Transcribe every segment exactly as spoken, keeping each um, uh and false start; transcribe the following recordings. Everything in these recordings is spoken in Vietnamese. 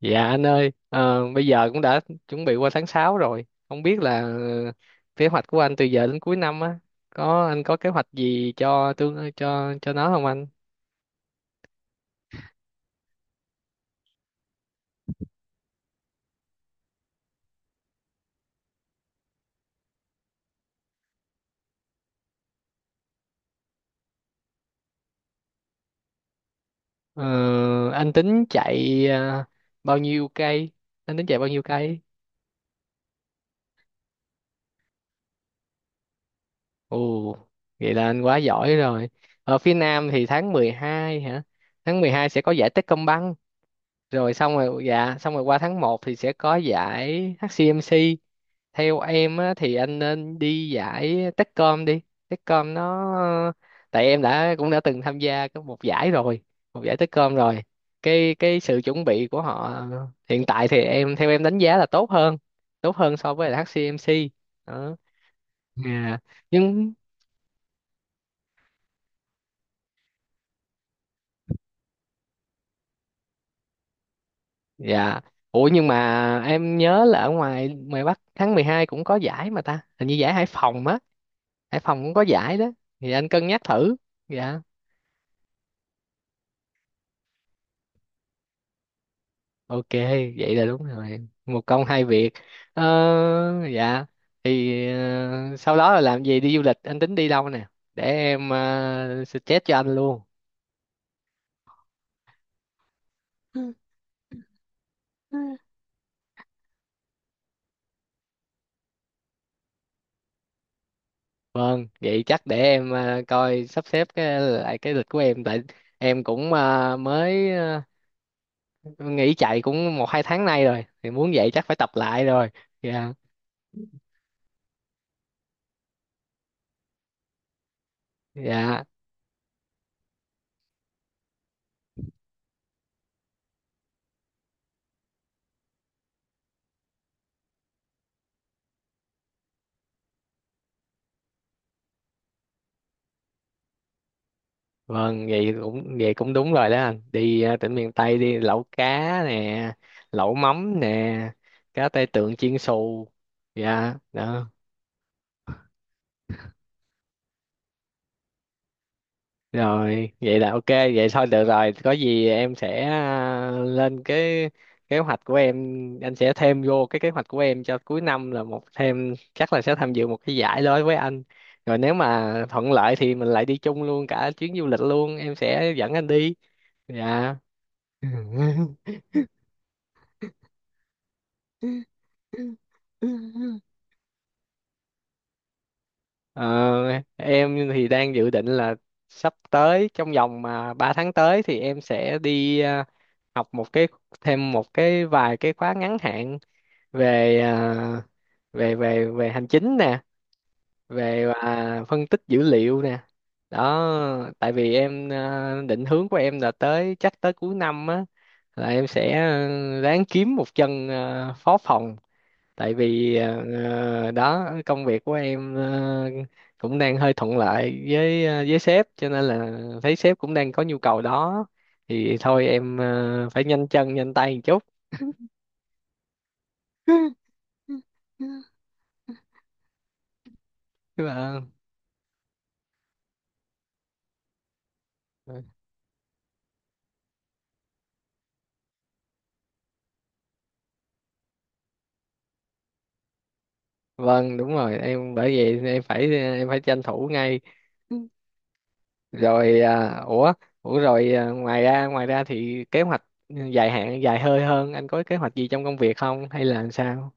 Dạ anh ơi, ờ, bây giờ cũng đã chuẩn bị qua tháng sáu rồi. Không biết là ờ, kế hoạch của anh từ giờ đến cuối năm á, có anh có kế hoạch gì cho tương cho cho nó không anh? Ờ, anh tính chạy ờ, bao nhiêu cây? Anh tính chạy bao nhiêu cây? Ồ, vậy là anh quá giỏi rồi. Ở phía Nam thì tháng mười hai hả? Tháng mười hai sẽ có giải Techcombank, rồi xong rồi, dạ, xong rồi qua tháng một thì sẽ có giải hát xê em xê. Theo em á, thì anh nên đi giải Techcom đi. Techcom nó, tại em đã cũng đã từng tham gia có một giải rồi, một giải Techcom rồi, cái cái sự chuẩn bị của họ hiện tại thì em, theo em đánh giá là tốt hơn, tốt hơn so với là hát xê em xê đó. Dạ. Nhưng, dạ, ủa nhưng mà em nhớ là ở ngoài ngoài Bắc tháng mười hai cũng có giải mà ta, hình như giải Hải Phòng á. Hải Phòng cũng có giải đó, thì anh cân nhắc thử. Dạ. Ok, vậy là đúng rồi. Một công hai việc. Ờ, dạ. Thì ờ, sau đó là làm gì, đi du lịch? Anh tính đi đâu nè? Để em ờ, suggest cho anh luôn. Vâng, vậy chắc để em ờ, coi sắp xếp cái, lại cái lịch của em. Tại em cũng ờ, mới ờ, nghỉ chạy cũng một hai tháng nay rồi. Thì muốn vậy chắc phải tập lại rồi. Dạ, dạ. Vâng, vậy cũng vậy cũng đúng rồi đó anh. Đi à, tỉnh miền Tây đi lẩu cá nè, lẩu mắm nè, cá tai tượng chiên xù. Dạ, đó. Rồi, vậy là ok, vậy thôi được rồi. Có gì em sẽ à, lên cái kế hoạch của em, anh sẽ thêm vô cái kế hoạch của em cho cuối năm là một thêm chắc là sẽ tham dự một cái giải đối với anh. Rồi nếu mà thuận lợi thì mình lại đi chung luôn cả chuyến du lịch luôn, em sẽ dẫn anh đi. Dạ. Ờ, em thì đang dự định là sắp tới trong vòng mà ba tháng tới thì em sẽ đi à, học một cái, thêm một cái vài cái khóa ngắn hạn về à, về về về hành chính nè, về à, phân tích dữ liệu nè. Đó, tại vì em à, định hướng của em là tới chắc tới cuối năm á là em sẽ à, ráng kiếm một chân à, phó phòng tại vì à, ờ, đó, công việc của em ờ, cũng đang hơi thuận lợi với ờ, với sếp cho nên là thấy sếp cũng đang có nhu cầu đó, thì thôi em ờ, phải nhanh chân nhanh tay một chút. Vâng, vâng, đúng rồi em, bởi vậy em phải ờ, em phải tranh thủ ngay. Rồi à, ủa, ủa rồi à, ngoài ra, ngoài ra thì kế hoạch dài hạn dài hơi hơn anh có kế hoạch gì trong công việc không hay là làm sao?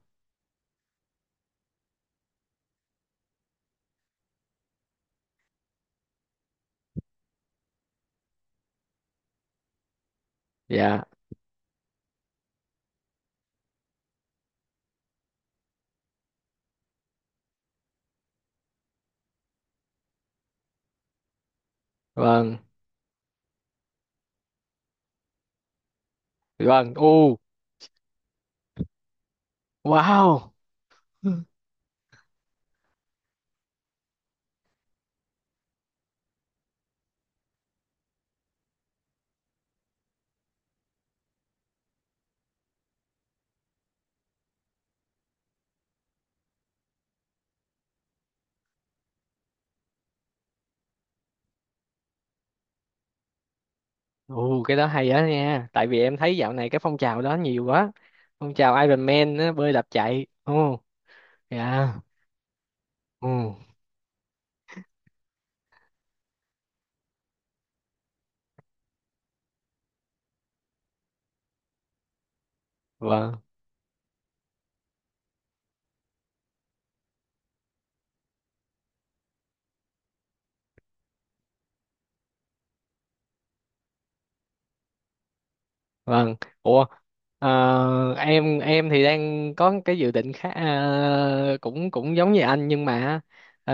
Dạ. Vâng, vâng, u wow. Ồ, cái đó hay đó nha. Tại vì em thấy dạo này cái phong trào đó nhiều quá. Phong trào Iron Man á, bơi đạp chạy. Ồ, dạ. Ồ, vâng, vâng. Ủa, ờ, em em thì đang có cái dự định khác ờ, cũng cũng giống như anh nhưng mà ờ,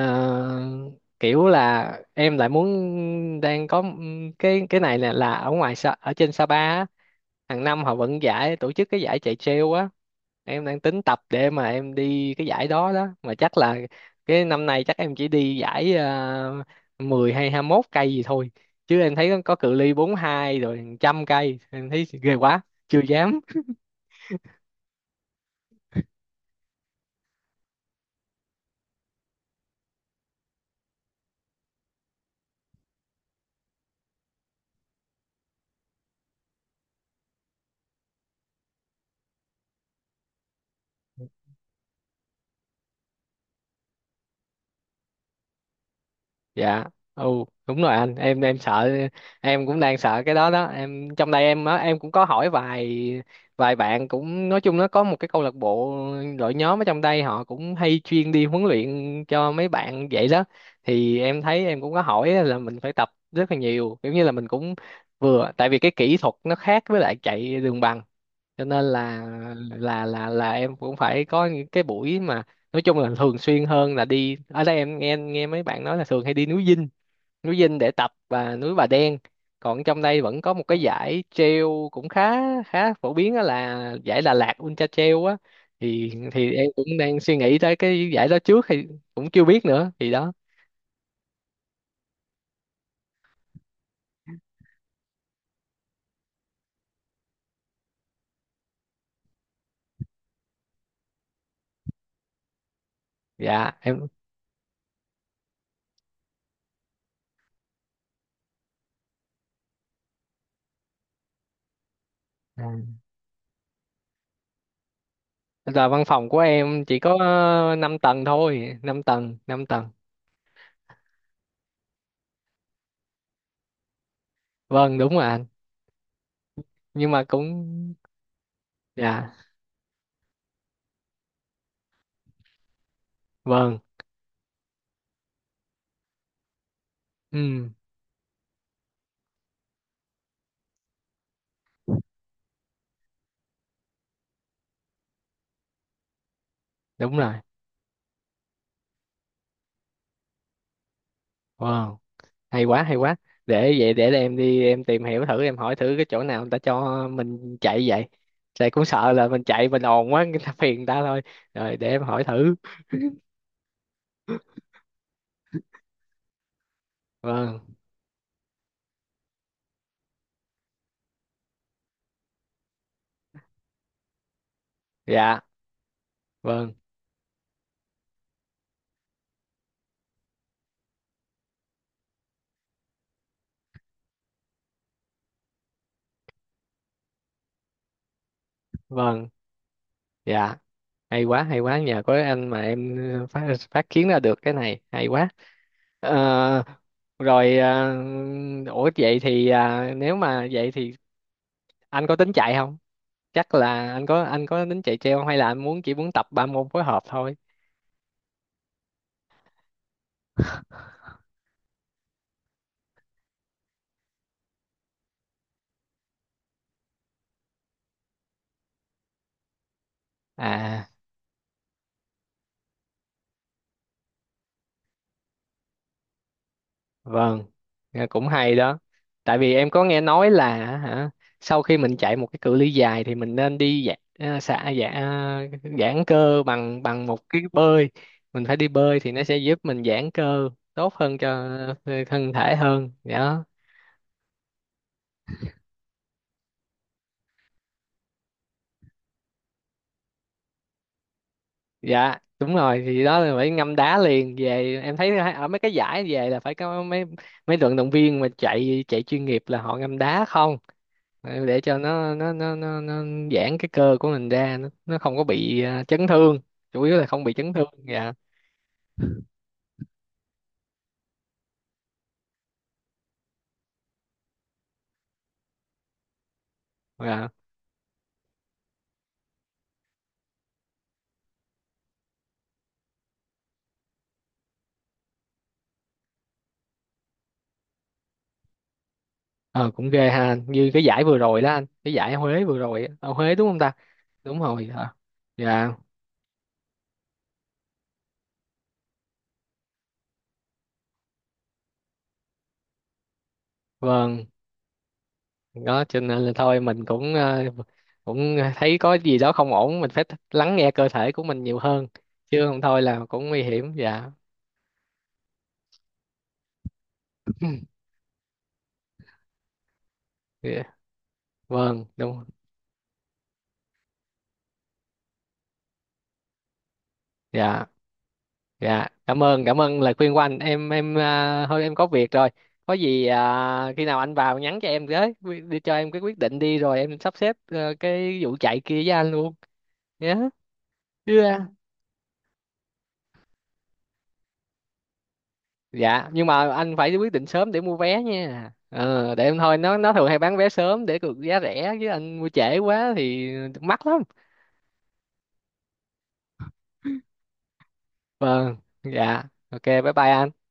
kiểu là em lại muốn, đang có ừm, cái cái này là là ở ngoài Sa- ở trên Sapa á, hàng năm họ vẫn giải tổ chức cái giải chạy trail á. Em đang tính tập để mà em đi cái giải đó đó, mà chắc là cái năm nay chắc em chỉ đi giải uh, mười hay hai mươi mốt cây gì thôi, chứ em thấy có cự ly bốn mươi hai rồi một trăm cây em thấy ghê quá, chưa dám. Dạ. Ừ, đúng rồi anh, em em sợ. Em cũng đang sợ cái đó đó. Em trong đây em á, em cũng có hỏi vài vài bạn cũng nói chung nó có một cái câu lạc bộ, đội nhóm ở trong đây, họ cũng hay chuyên đi huấn luyện cho mấy bạn vậy đó. Thì em thấy em cũng có hỏi là mình phải tập rất là nhiều, kiểu như là mình cũng vừa, tại vì cái kỹ thuật nó khác với lại chạy đường bằng, cho nên là là là là em cũng phải có những cái buổi mà nói chung là thường xuyên hơn. Là đi, ở đây em nghe nghe mấy bạn nói là thường hay đi núi Dinh, núi Dinh để tập, và núi Bà Đen. Còn trong đây vẫn có một cái giải trail cũng khá khá phổ biến đó là giải Đà Lạt Ultra Trail á. Thì thì em cũng đang suy nghĩ tới cái giải đó trước, thì cũng chưa biết nữa thì đó. Dạ, em. À, là văn phòng của em chỉ có năm tầng thôi, năm tầng, năm tầng. Vâng, đúng rồi anh. Nhưng mà cũng, dạ, vâng. Ừ, đúng rồi. Vâng, hay quá, hay quá. Để vậy, để em đi em tìm hiểu thử, em hỏi thử cái chỗ nào người ta cho mình chạy vậy, tại cũng sợ là mình chạy mình ồn quá, người ta phiền người ta thôi. Rồi để em hỏi thử. Vâng. Dạ, vâng, vâng. Dạ, hay quá, hay quá, nhờ có anh mà em ờ, phát phát kiến ra được cái này, hay quá. Ờ, rồi à, ủa vậy thì à, nếu mà vậy thì anh có tính chạy không, chắc là anh có anh có tính chạy treo không, hay là anh muốn chỉ muốn tập ba môn phối hợp thôi? À, vâng, nghe cũng hay đó. Tại vì em có nghe nói là hả, sau khi mình chạy một cái cự ly dài thì mình nên đi giãn à, xả, giãn giãn cơ bằng bằng một cái bơi. Mình phải đi bơi thì nó sẽ giúp mình giãn cơ tốt hơn cho thân thể hơn đó. Dạ, đúng rồi, thì đó là phải ngâm đá liền về. Em thấy ở mấy cái giải về là phải có mấy mấy vận động viên mà chạy chạy chuyên nghiệp là họ ngâm đá không. Ờ, để cho nó nó nó nó, nó giãn cái cơ của mình ra, nó, nó không có bị à, chấn thương, chủ yếu là không bị chấn thương. Dạ. Dạ. Ờ cũng ghê ha, như cái giải vừa rồi đó anh, cái giải Huế vừa rồi ở Huế, đúng không ta? Đúng rồi hả? Dạ. Vâng, đó cho nên là thôi mình cũng ờ, cũng thấy có gì đó không ổn mình phải lắng nghe cơ thể của mình nhiều hơn, chứ không thôi là cũng nguy hiểm. Dạ. Dạ, vâng, đúng. Dạ. Dạ, cảm ơn, cảm ơn lời khuyên của anh. Em em à, thôi em có việc rồi. Có gì à, khi nào anh vào nhắn cho em với Quy- đi cho em cái quyết định đi rồi em sắp xếp ờ, cái vụ chạy kia với anh luôn nhé. Dạ, nhưng mà anh phải quyết định sớm để mua vé nha. Ờ để em, thôi, nó nó thường hay bán vé sớm để được giá rẻ, chứ anh mua trễ quá thì mắc lắm. Vâng. Dạ. Ok, bye bye anh.